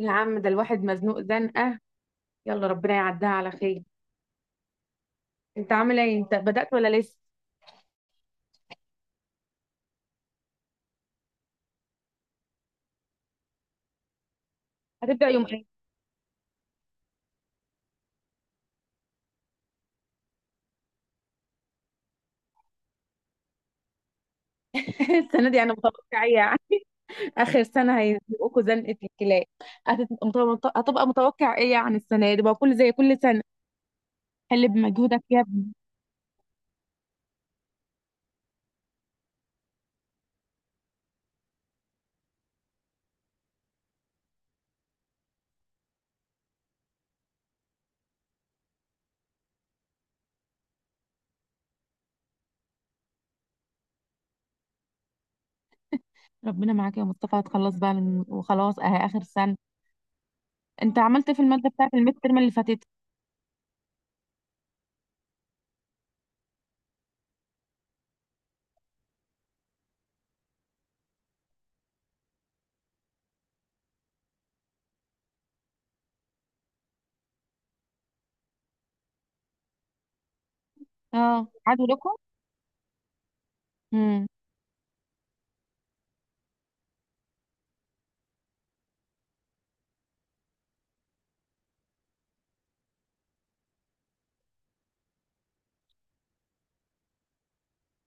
يا عم، ده الواحد مزنوق زنقة. يلا، ربنا يعديها على خير. انت عامل ايه؟ انت بدأت ولا لسه؟ هتبدأ يوم ايه؟ السنة دي انا متوقع ايه يعني؟ اخر سنة هيزنقوكوا زنقة الكلاب. هتبقى متوقع ايه يعني؟ السنة دي بقى زي كل سنة. حل بمجهودك يا ابني. ربنا معاك يا مصطفى، هتخلص بقى من وخلاص اهي اخر سنة. انت عملت إيه في المادة بتاعت الميد ترم اللي فاتت؟ اه، عادوا لكم. امم.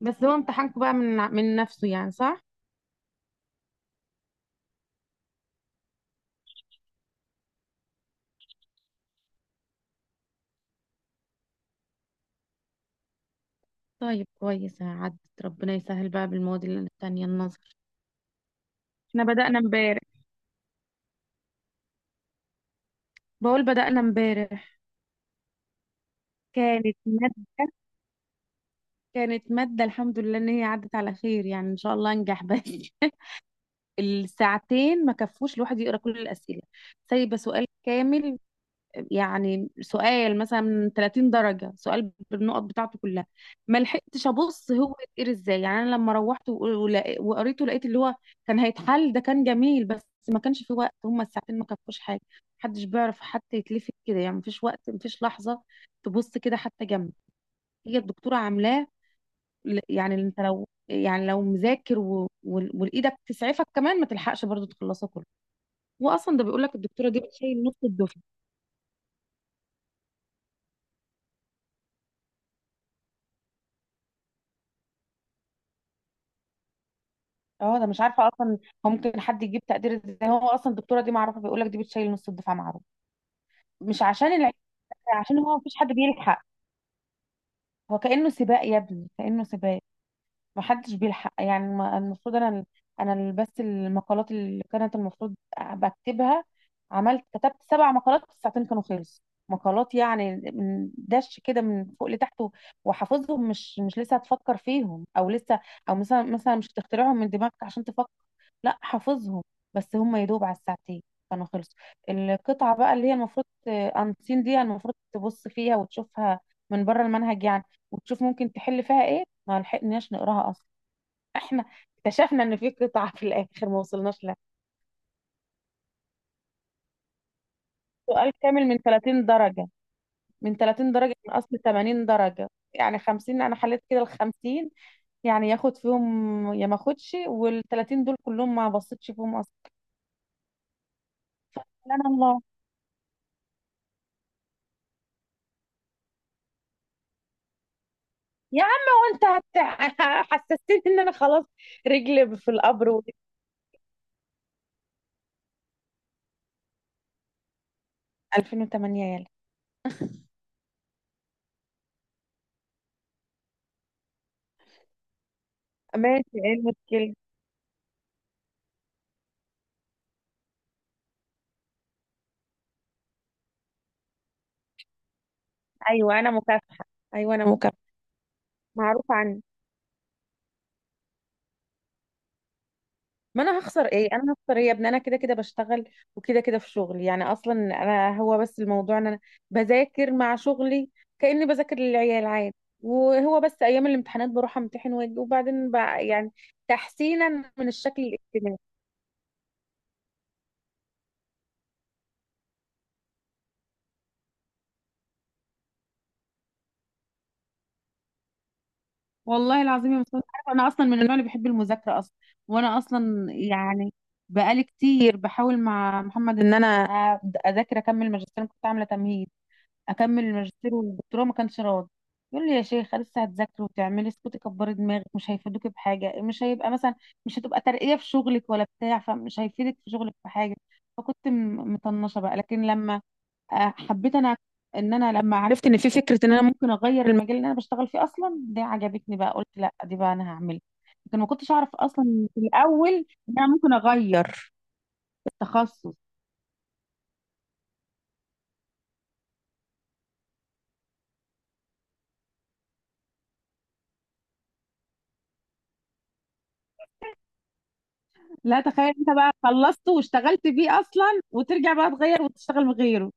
بس هو امتحانكم بقى من نفسه يعني، صح؟ طيب، كويس عدت. ربنا يسهل بقى بالمواد التانية النظر. احنا بدأنا امبارح. بقول بدأنا امبارح. كانت مادة كانت مادة، الحمد لله ان هي عدت على خير، يعني ان شاء الله انجح بس. الساعتين ما كفوش الواحد يقرا كل الأسئلة. سايبة سؤال كامل. يعني سؤال مثلا من 30 درجة، سؤال بالنقط بتاعته كلها. ما لحقتش ابص هو يتقري ازاي. يعني انا لما روحت وقريته، لقيت اللي هو كان هيتحل ده كان جميل، بس ما كانش في وقت. هما الساعتين ما كفوش حاجة. محدش بيعرف حتى يتلفت كده يعني، مفيش وقت، مفيش لحظة تبص كده حتى جنب. هي الدكتورة عاملاه. يعني انت لو، يعني لو مذاكر والايدك تسعفك كمان، ما تلحقش برضو تخلصه كله. واصلا ده بيقول لك، الدكتوره دي بتشيل نص الدفعه. اه ده مش عارفه اصلا هو ممكن حد يجيب تقدير ازاي. هو اصلا الدكتوره دي معروفه، بيقول لك دي بتشيل نص الدفعه، معروف. مش عشان العيب، عشان هو مفيش حد بيلحق. هو كانه سباق يا ابني، كانه سباق. ما حدش بيلحق يعني. المفروض انا، بس المقالات اللي كانت المفروض بكتبها، كتبت سبع مقالات في ساعتين، كانوا خلص. مقالات يعني من دش كده، من فوق لتحت وحافظهم، مش لسه هتفكر فيهم او لسه، او مثلا مش هتخترعهم من دماغك عشان تفكر، لا حافظهم. بس هم يدوب على الساعتين كانوا خلص. القطعة بقى اللي هي المفروض انسين دي، المفروض تبص فيها وتشوفها، من بره المنهج يعني، وتشوف ممكن تحل فيها ايه، ما لحقناش نقراها اصلا. احنا اكتشفنا ان في قطعة في الاخر ما وصلناش لها، سؤال كامل من 30 درجة، من اصل 80 درجة. يعني 50 انا حليت كده ال 50، يعني ياخد فيهم يا ما اخدش. وال 30 دول كلهم ما بصيتش فيهم اصلا. سبحان الله يا عم. وانت هت- حسستني ان انا خلاص رجلي في القبر 2008 يلا. ماشي، ايه المشكلة؟ ايوه، انا مكافحة. ايوه، انا مكافحة. معروف عني. ما انا هخسر ايه؟ انا هخسر ايه يا ابني؟ انا كده كده بشتغل، وكده كده في شغلي يعني. اصلا انا هو بس الموضوع ان انا بذاكر مع شغلي، كاني بذاكر للعيال عادي، وهو بس ايام الامتحانات بروح امتحن واجي، وبعدين بقى يعني تحسينا من الشكل الاجتماعي. والله العظيم يا مصطفى، عارفة انا اصلا من النوع اللي بحب المذاكره اصلا. وانا اصلا يعني بقالي كتير بحاول مع محمد ان انا أبدأ اذاكر، اكمل ماجستير. أنا كنت عامله تمهيد، اكمل الماجستير والدكتوراه، ما كانش راضي. يقول لي يا شيخه لسه هتذاكري وتعملي، اسكتي كبري دماغك، مش هيفيدوكي بحاجه، مش هيبقى مثلا، مش هتبقى ترقيه في شغلك ولا بتاع، فمش هيفيدك في شغلك في حاجه. فكنت مطنشه بقى، لكن لما حبيت انا، ان انا لما عرفت ان في فكره ان انا ممكن اغير المجال اللي انا بشتغل فيه اصلا، دي عجبتني بقى، قلت لا دي بقى انا هعملها. لكن ما كنتش اعرف اصلا في الاول ان انا ممكن اغير التخصص. لا تخيل انت بقى خلصته واشتغلت بيه اصلا، وترجع بقى تغير وتشتغل بغيره.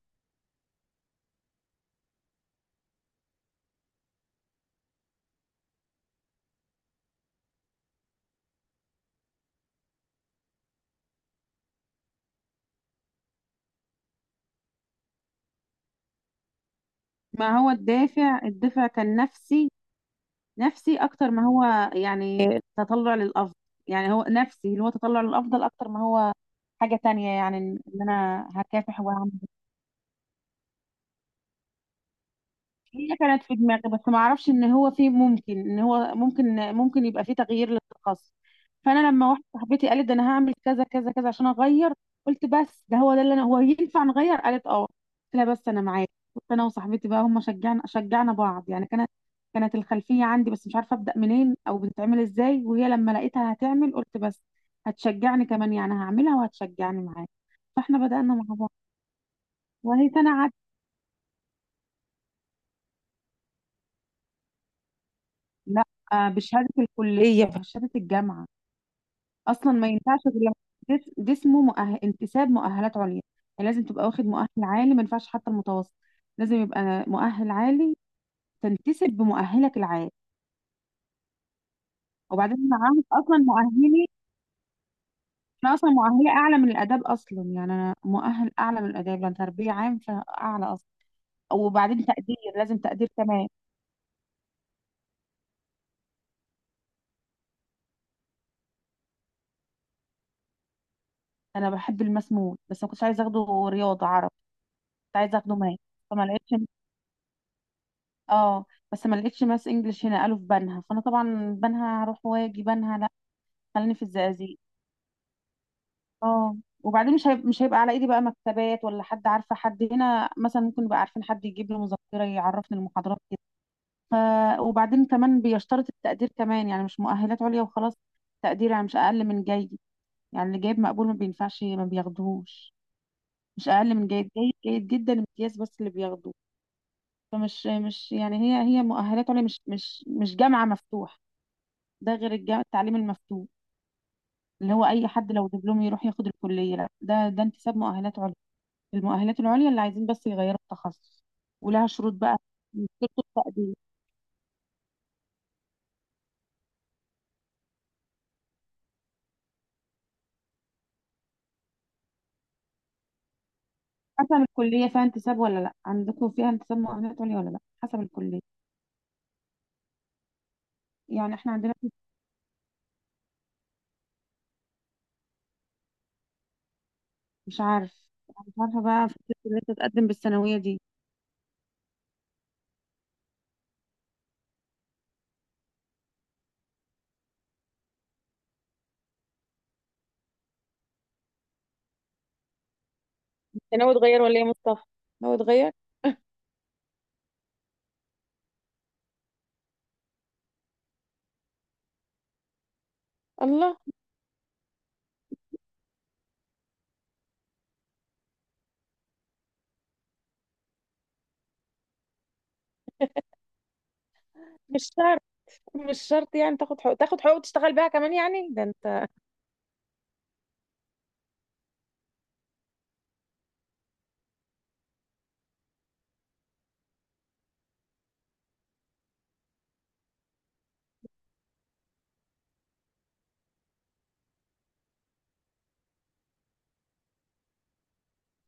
ما هو الدافع، الدافع كان نفسي، نفسي اكتر ما هو يعني تطلع للافضل، يعني هو نفسي اللي هو تطلع للافضل اكتر ما هو حاجة تانية، يعني ان انا هكافح. هي كانت في دماغي، بس ما اعرفش ان هو في ممكن ان هو ممكن يبقى في تغيير للتخصص. فانا لما واحده صاحبتي قالت ده انا هعمل كذا كذا كذا عشان اغير، قلت بس ده هو ده اللي انا هو ينفع نغير؟ قالت اه. قلت لها بس انا معاك. كنت انا وصاحبتي بقى، هم شجعنا بعض يعني. كانت، كانت الخلفيه عندي بس مش عارفه ابدا منين او بتتعمل ازاي، وهي لما لقيتها هتعمل قلت بس هتشجعني كمان، يعني هعملها وهتشجعني معاك. فاحنا بدانا مع بعض، وهي سنه عدت. لا. بشهاده الكليه، بشهاده الجامعه. اصلا ما ينفعش غير لما جسمه مؤهل انتساب مؤهلات عليا. يعني لازم تبقى واخد مؤهل عالي، ما ينفعش حتى المتوسط. لازم يبقى مؤهل عالي تنتسب بمؤهلك العالي. وبعدين انا عامل اصلا مؤهلي، انا اصلا مؤهلي اعلى من الاداب اصلا، يعني انا مؤهل اعلى من الاداب لان تربيه عام فاعلى اصلا. وبعدين تقدير، لازم تقدير كمان. انا بحب الماس موت، بس ما كنتش عايزه اخده رياضه عربي، كنت عايزه اخده ماس. فما لقيتش. اه، بس ما لقيتش ماس انجلش هنا، قالوا في بنها، فانا طبعا بنها هروح واجي بنها؟ خليني في الزقازيق. اه. وبعدين مش هيبقى على ايدي بقى مكتبات ولا حد عارفه، حد هنا مثلا ممكن يبقى عارفين حد يجيب لي مذكره يعرفني المحاضرات كده. ف... وبعدين كمان بيشترط التقدير كمان، يعني مش مؤهلات عليا وخلاص، تقدير، يعني مش اقل من جيد. يعني اللي جايب مقبول ما بينفعش، ما بياخدوهوش، مش اقل من جيد، جيد، جيد جدا، امتياز، بس اللي بياخدوه. فمش مش يعني هي مؤهلات عليا، مش جامعه مفتوح. ده غير التعليم المفتوح، اللي هو اي حد لو دبلوم يروح ياخد الكليه، لا ده انتساب مؤهلات عليا، المؤهلات العليا اللي عايزين بس يغيروا التخصص. ولها شروط بقى، شروط التقديم، حسب الكلية فيها انتساب ولا لا. عندكم فيها انتساب مؤهلات عليا ولا لا؟ حسب الكلية. يعني احنا عندنا. مش عارفة بقى فكرة اللي انت تقدم بالثانوية دي. انت ناوي تغير ولا ايه يا مصطفى؟ ناوي تغير. الله. مش شرط، مش شرط يعني، تاخد حقوق وتشتغل بيها كمان يعني، ده انت.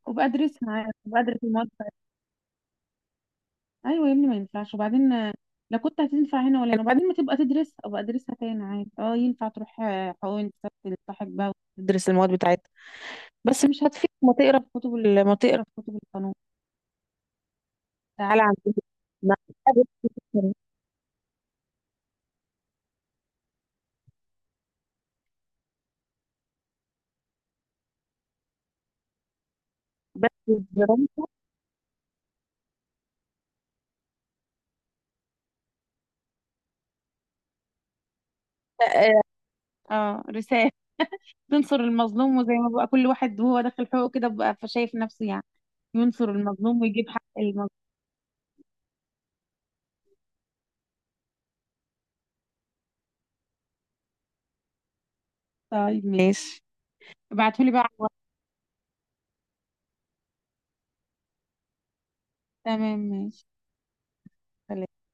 وبأدرسها عارف وبأدرس. ايوه يا ابني، ما ينفعش. وبعدين لا، كنت هتنفع هنا ولا هنا. وبعدين ما تبقى تدرسها، ابقى ادرسها تاني عادي، اه ينفع تروح حقوق، تلتحق بقى وتدرس المواد بتاعتها. بس مش هتفيد ما تقرا في كتب ما تقرا في كتب القانون. تعالى عندنا. ما- بس الدراسة. آه. اه، رسالة، تنصر المظلوم، وزي ما بقى كل واحد وهو داخل حقوق كده بقى فشايف نفسه يعني، ينصر المظلوم ويجيب حق المظلوم. طيب ماشي، ابعتهولي بقى على الواتس. تمام، ماشي. سلام.